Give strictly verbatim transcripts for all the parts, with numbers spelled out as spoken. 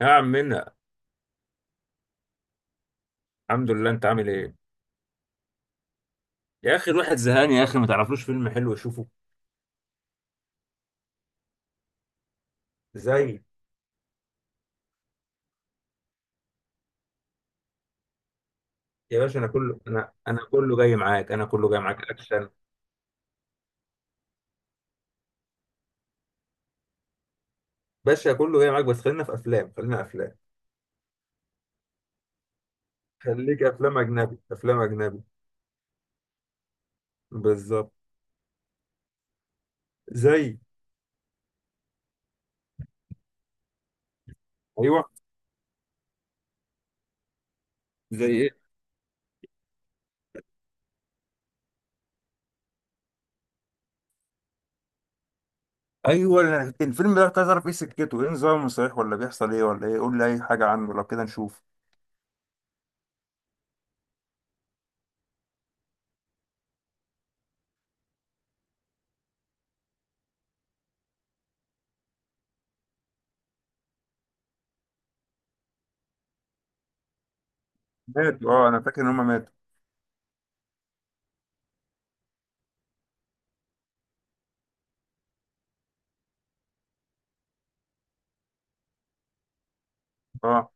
يا عم منا. الحمد لله، انت عامل ايه؟ يا اخي الواحد زهقان يا اخي، ما تعرفلوش فيلم حلو يشوفه؟ زي يا باشا، انا كله انا انا كله جاي معاك انا كله جاي معاك اكشن. باشا كله جاي معاك، بس خلينا في افلام، خلينا افلام. خليك افلام اجنبي، افلام اجنبي. بالظبط. زي ايوه. زي ايه؟ ايوه. أنا كنت- الفيلم ده كنت عايز اعرف ايه سكته، ايه نظامه، صحيح ولا بيحصل ايه ولا ايه؟ قول لي اي حاجه عنه لو كده نشوف. ماتوا. اه، انا فاكر ان هم ماتوا. اه،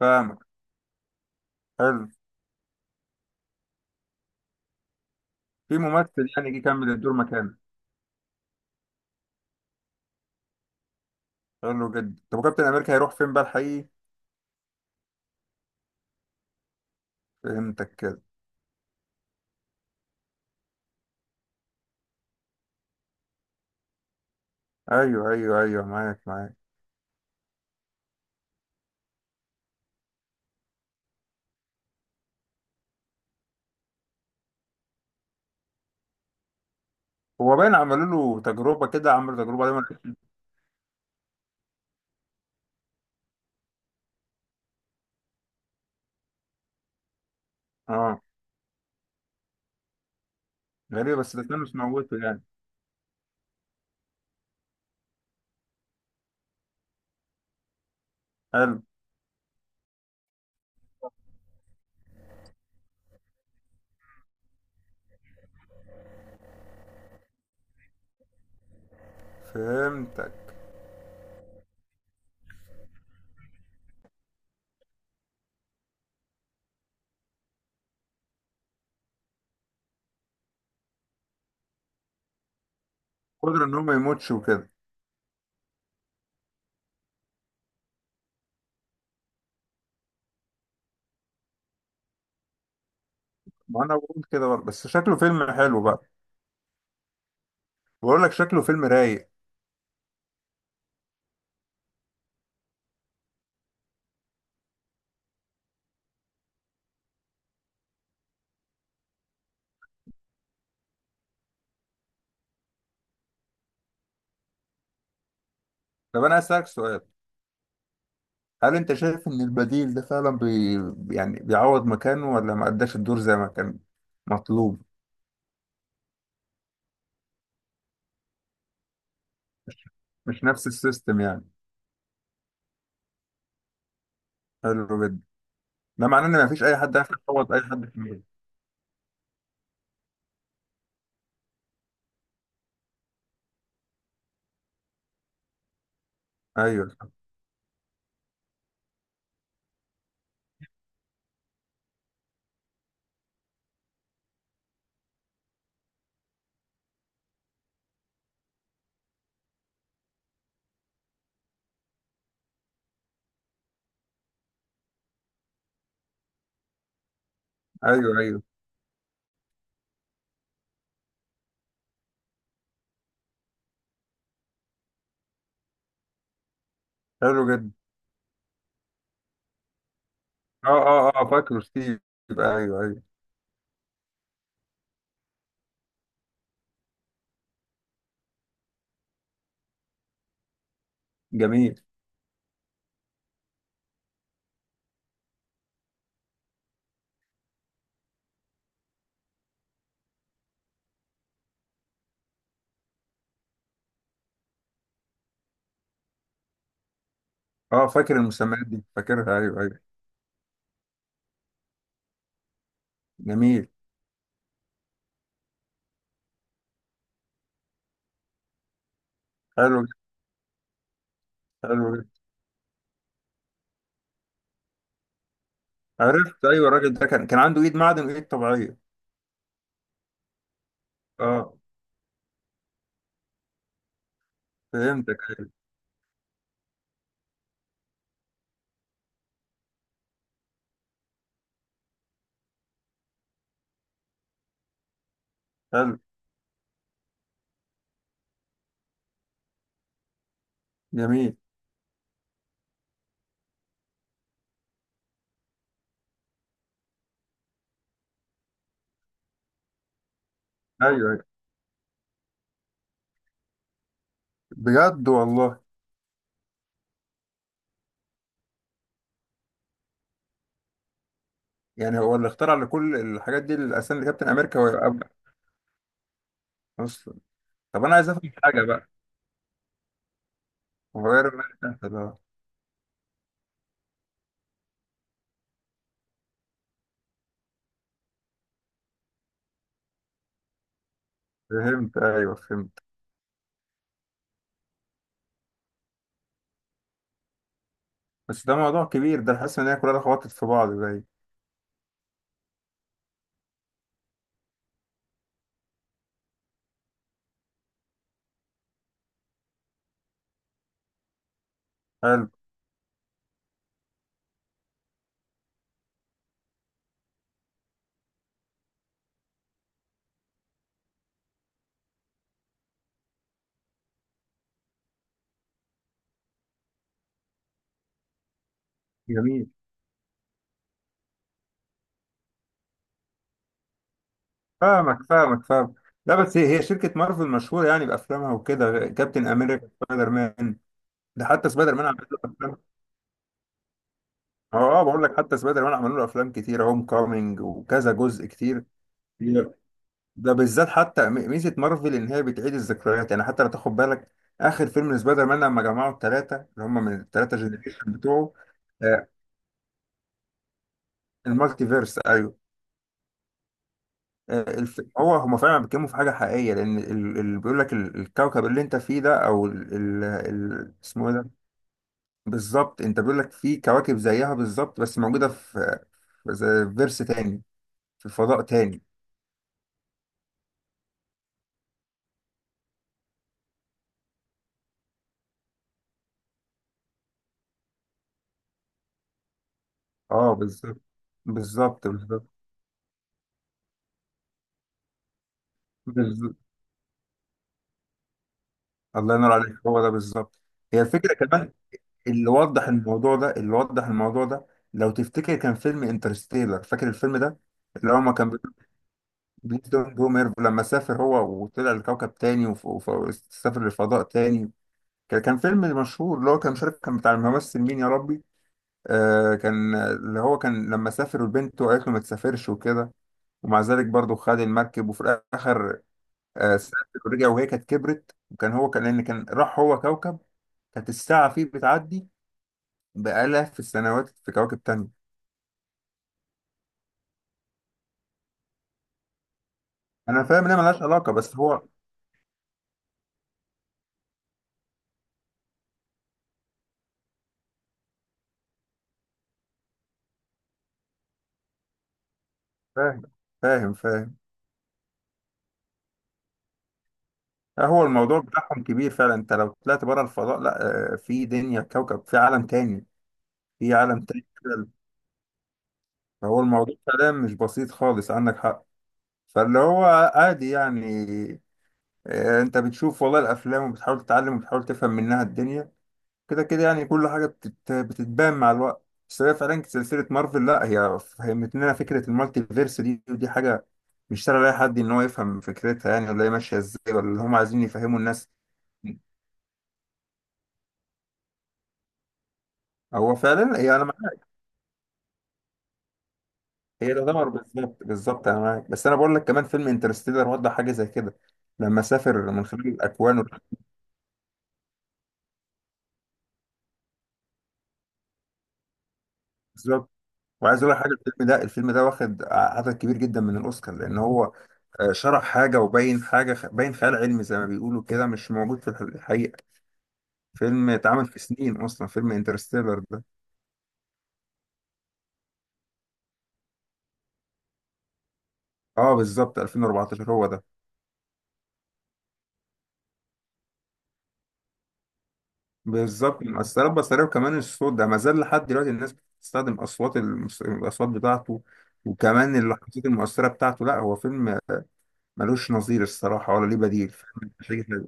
فاهمك. حلو. في ممثل يعني جه يكمل الدور مكانه؟ حلو جدا. طب وكابتن امريكا هيروح فين بقى الحقيقي؟ فهمتك كده. ايوه ايوه ايوه، معاك معاك. هو باين عملوا له تجربه كده، عملوا تجربه دايما. اه. غريبه، بس ده كان مش موته يعني. حلو. فهمتك. قدرة ان هو ما يموتش وكده. ما انا بقول كده برضه، بس شكله فيلم حلو بقى. بقول لك شكله فيلم رايق. طب انا اسالك سؤال. هل انت شايف ان البديل ده فعلا بي... يعني بيعوض مكانه ولا ما اداش الدور زي ما كان مطلوب؟ مش نفس السيستم يعني. حلو جدا. ده معناه ان مفيش اي حد يعرف يعوض اي حد في المية. ايوه صح. ايوه ايوه. حلو جدا. اه اه اه، فاكره ستيف. ايوه ايوه. جميل. اه، فاكر المسميات دي فاكرها، ايوه ايوه. جميل. حلو جدا. حلو جدا. عرفت، ايوه الراجل ده كان كان عنده ايد معدن وايد طبيعيه. اه. فهمتك، ايوه. حلو. جميل. ايوه ايوه، بجد والله. يعني هو اللي اخترع لكل الحاجات دي الاسامي لكابتن امريكا ويبقى اصلا. طب انا عايز افهم حاجه بقى. هو غير امريكا ده. فهمت، ايوه فهمت. بس ده موضوع كبير، ده حاسس ان هي كلها خبطت في بعض زي. حلو. جميل. فاهمك فاهمك فاهمك. لا بس هي هي شركة مارفل مشهورة يعني بأفلامها وكده، كابتن أمريكا، سبايدر مان. ده حتى سبايدر مان عمل له أفلام. اه آه، بقول لك حتى سبايدر مان عملوا له أفلام كتير، هوم كامينج وكذا جزء كتير. ده بالذات حتى م- ميزة مارفل إن هي بتعيد الذكريات يعني، حتى لو تاخد بالك آخر فيلم لسبايدر مان لما جمعوا الثلاثة اللي هم من الثلاثة جنريشن بتوعه. آه، المالتيفيرس، ايوه. آه، الف... هو هما فعلا بيتكلموا في حاجة حقيقية، لأن ال- اللي بيقول لك ال- الكوكب اللي أنت فيه ده أو ال... ال... ال... اسمه إيه ده؟ بالظبط. أنت بيقول لك في كواكب زيها بالظبط بس موجودة في في زي فيرس تاني، في فضاء تاني. أه بالظبط بالظبط. بالظبط بالظبط. الله ينور عليك، هو ده بالظبط. هي الفكرة كمان. اللي وضح الموضوع ده، اللي وضح الموضوع ده، لو تفتكر كان فيلم انترستيلر، فاكر الفيلم ده؟ اللي هو ما كان بليتون بوميرف لما سافر هو وطلع لكوكب تاني وف- وف- وسافر للفضاء تاني. كان كان فيلم مشهور، اللي هو كان مشارك، كان بتاع الممثل مين يا ربي. آه كان اللي هو كان لما سافر وبنته قالت له ما تسافرش وكده، ومع ذلك برضه خد المركب، وفي الآخر آه سافر ورجع، وهي كانت كبرت، وكان هو كان لأن كان راح هو كوكب كانت الساعة فيه بتعدي بآلاف السنوات في كواكب تانية. أنا فاهم إنها ملهاش علاقة بس هو. فاهم فاهم فاهم. هو الموضوع بتاعهم كبير فعلا. انت لو طلعت بره الفضاء، لا، آه، في دنيا، كوكب، في عالم تاني. في عالم تاني كده. فهو الموضوع فعلا مش بسيط خالص، عندك حق. فاللي هو عادي يعني. آه، انت بتشوف والله الافلام وبتحاول تتعلم وبتحاول تفهم منها الدنيا. كده كده يعني، كل حاجة بتت... بتتبان مع الوقت. بس هي فعلا سلسلة مارفل، لا، هي فهمت لنا فكرة المالتي فيرس دي، ودي حاجة مش سهل لأي حد إن هو يفهم فكرتها يعني، ولا هي ماشية إزاي، ولا اللي هم عايزين يفهموا الناس. هو فعلا يعني انا هي تعتبر. بالظبط بالظبط، انا معاك. بس انا بقول لك كمان فيلم انترستيلر وضح حاجه زي كده، لما سافر من خلال الاكوان وال-. بالظبط. وعايز اقول لك حاجه، الفيلم ده الفيلم ده واخد عدد كبير جدا من الاوسكار لان هو آه، شرح حاجه وبين حاجه خ- باين خيال علمي زي ما بيقولوا كده، مش موجود في الح- الحقيقه. فيلم اتعمل في سنين اصلا، فيلم انترستيلر ده. اه بالظبط، ألفين وأربعتاشر هو ده. بالظبط، مؤثرات بصرية وكمان الصوت ده ما زال لحد دلوقتي الناس بتستخدم أصوات المس... الأصوات بتاعته، وكمان اللحظات المؤثرة بتاعته. لا هو فيلم آه، ملوش نظير الصراحة ولا ليه بديل، فاهم؟ مش هيجي تاني.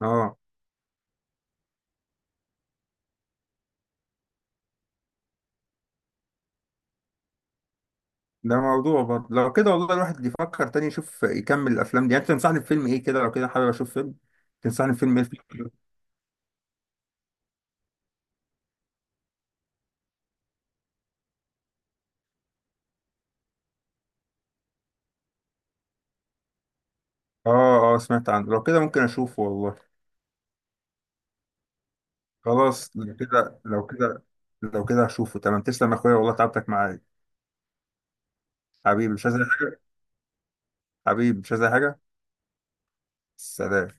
اه، ده موضوع برضه لو كده والله، الواحد يفكر تاني يشوف يكمل الأفلام دي يعني. أنت تنصحني بفيلم إيه كده لو كده؟ حابب أشوف فيلم، تنصحني بفيلم إيه؟ اه اه، سمعت عنه، لو كده ممكن أشوفه والله. خلاص لو كده، لو كده لو كده هشوفه، تمام. تسلم يا أخويا والله، تعبتك معايا. حبيبي مش عايز أي حاجة. حبيبي مش عايز أي حاجة. سلام.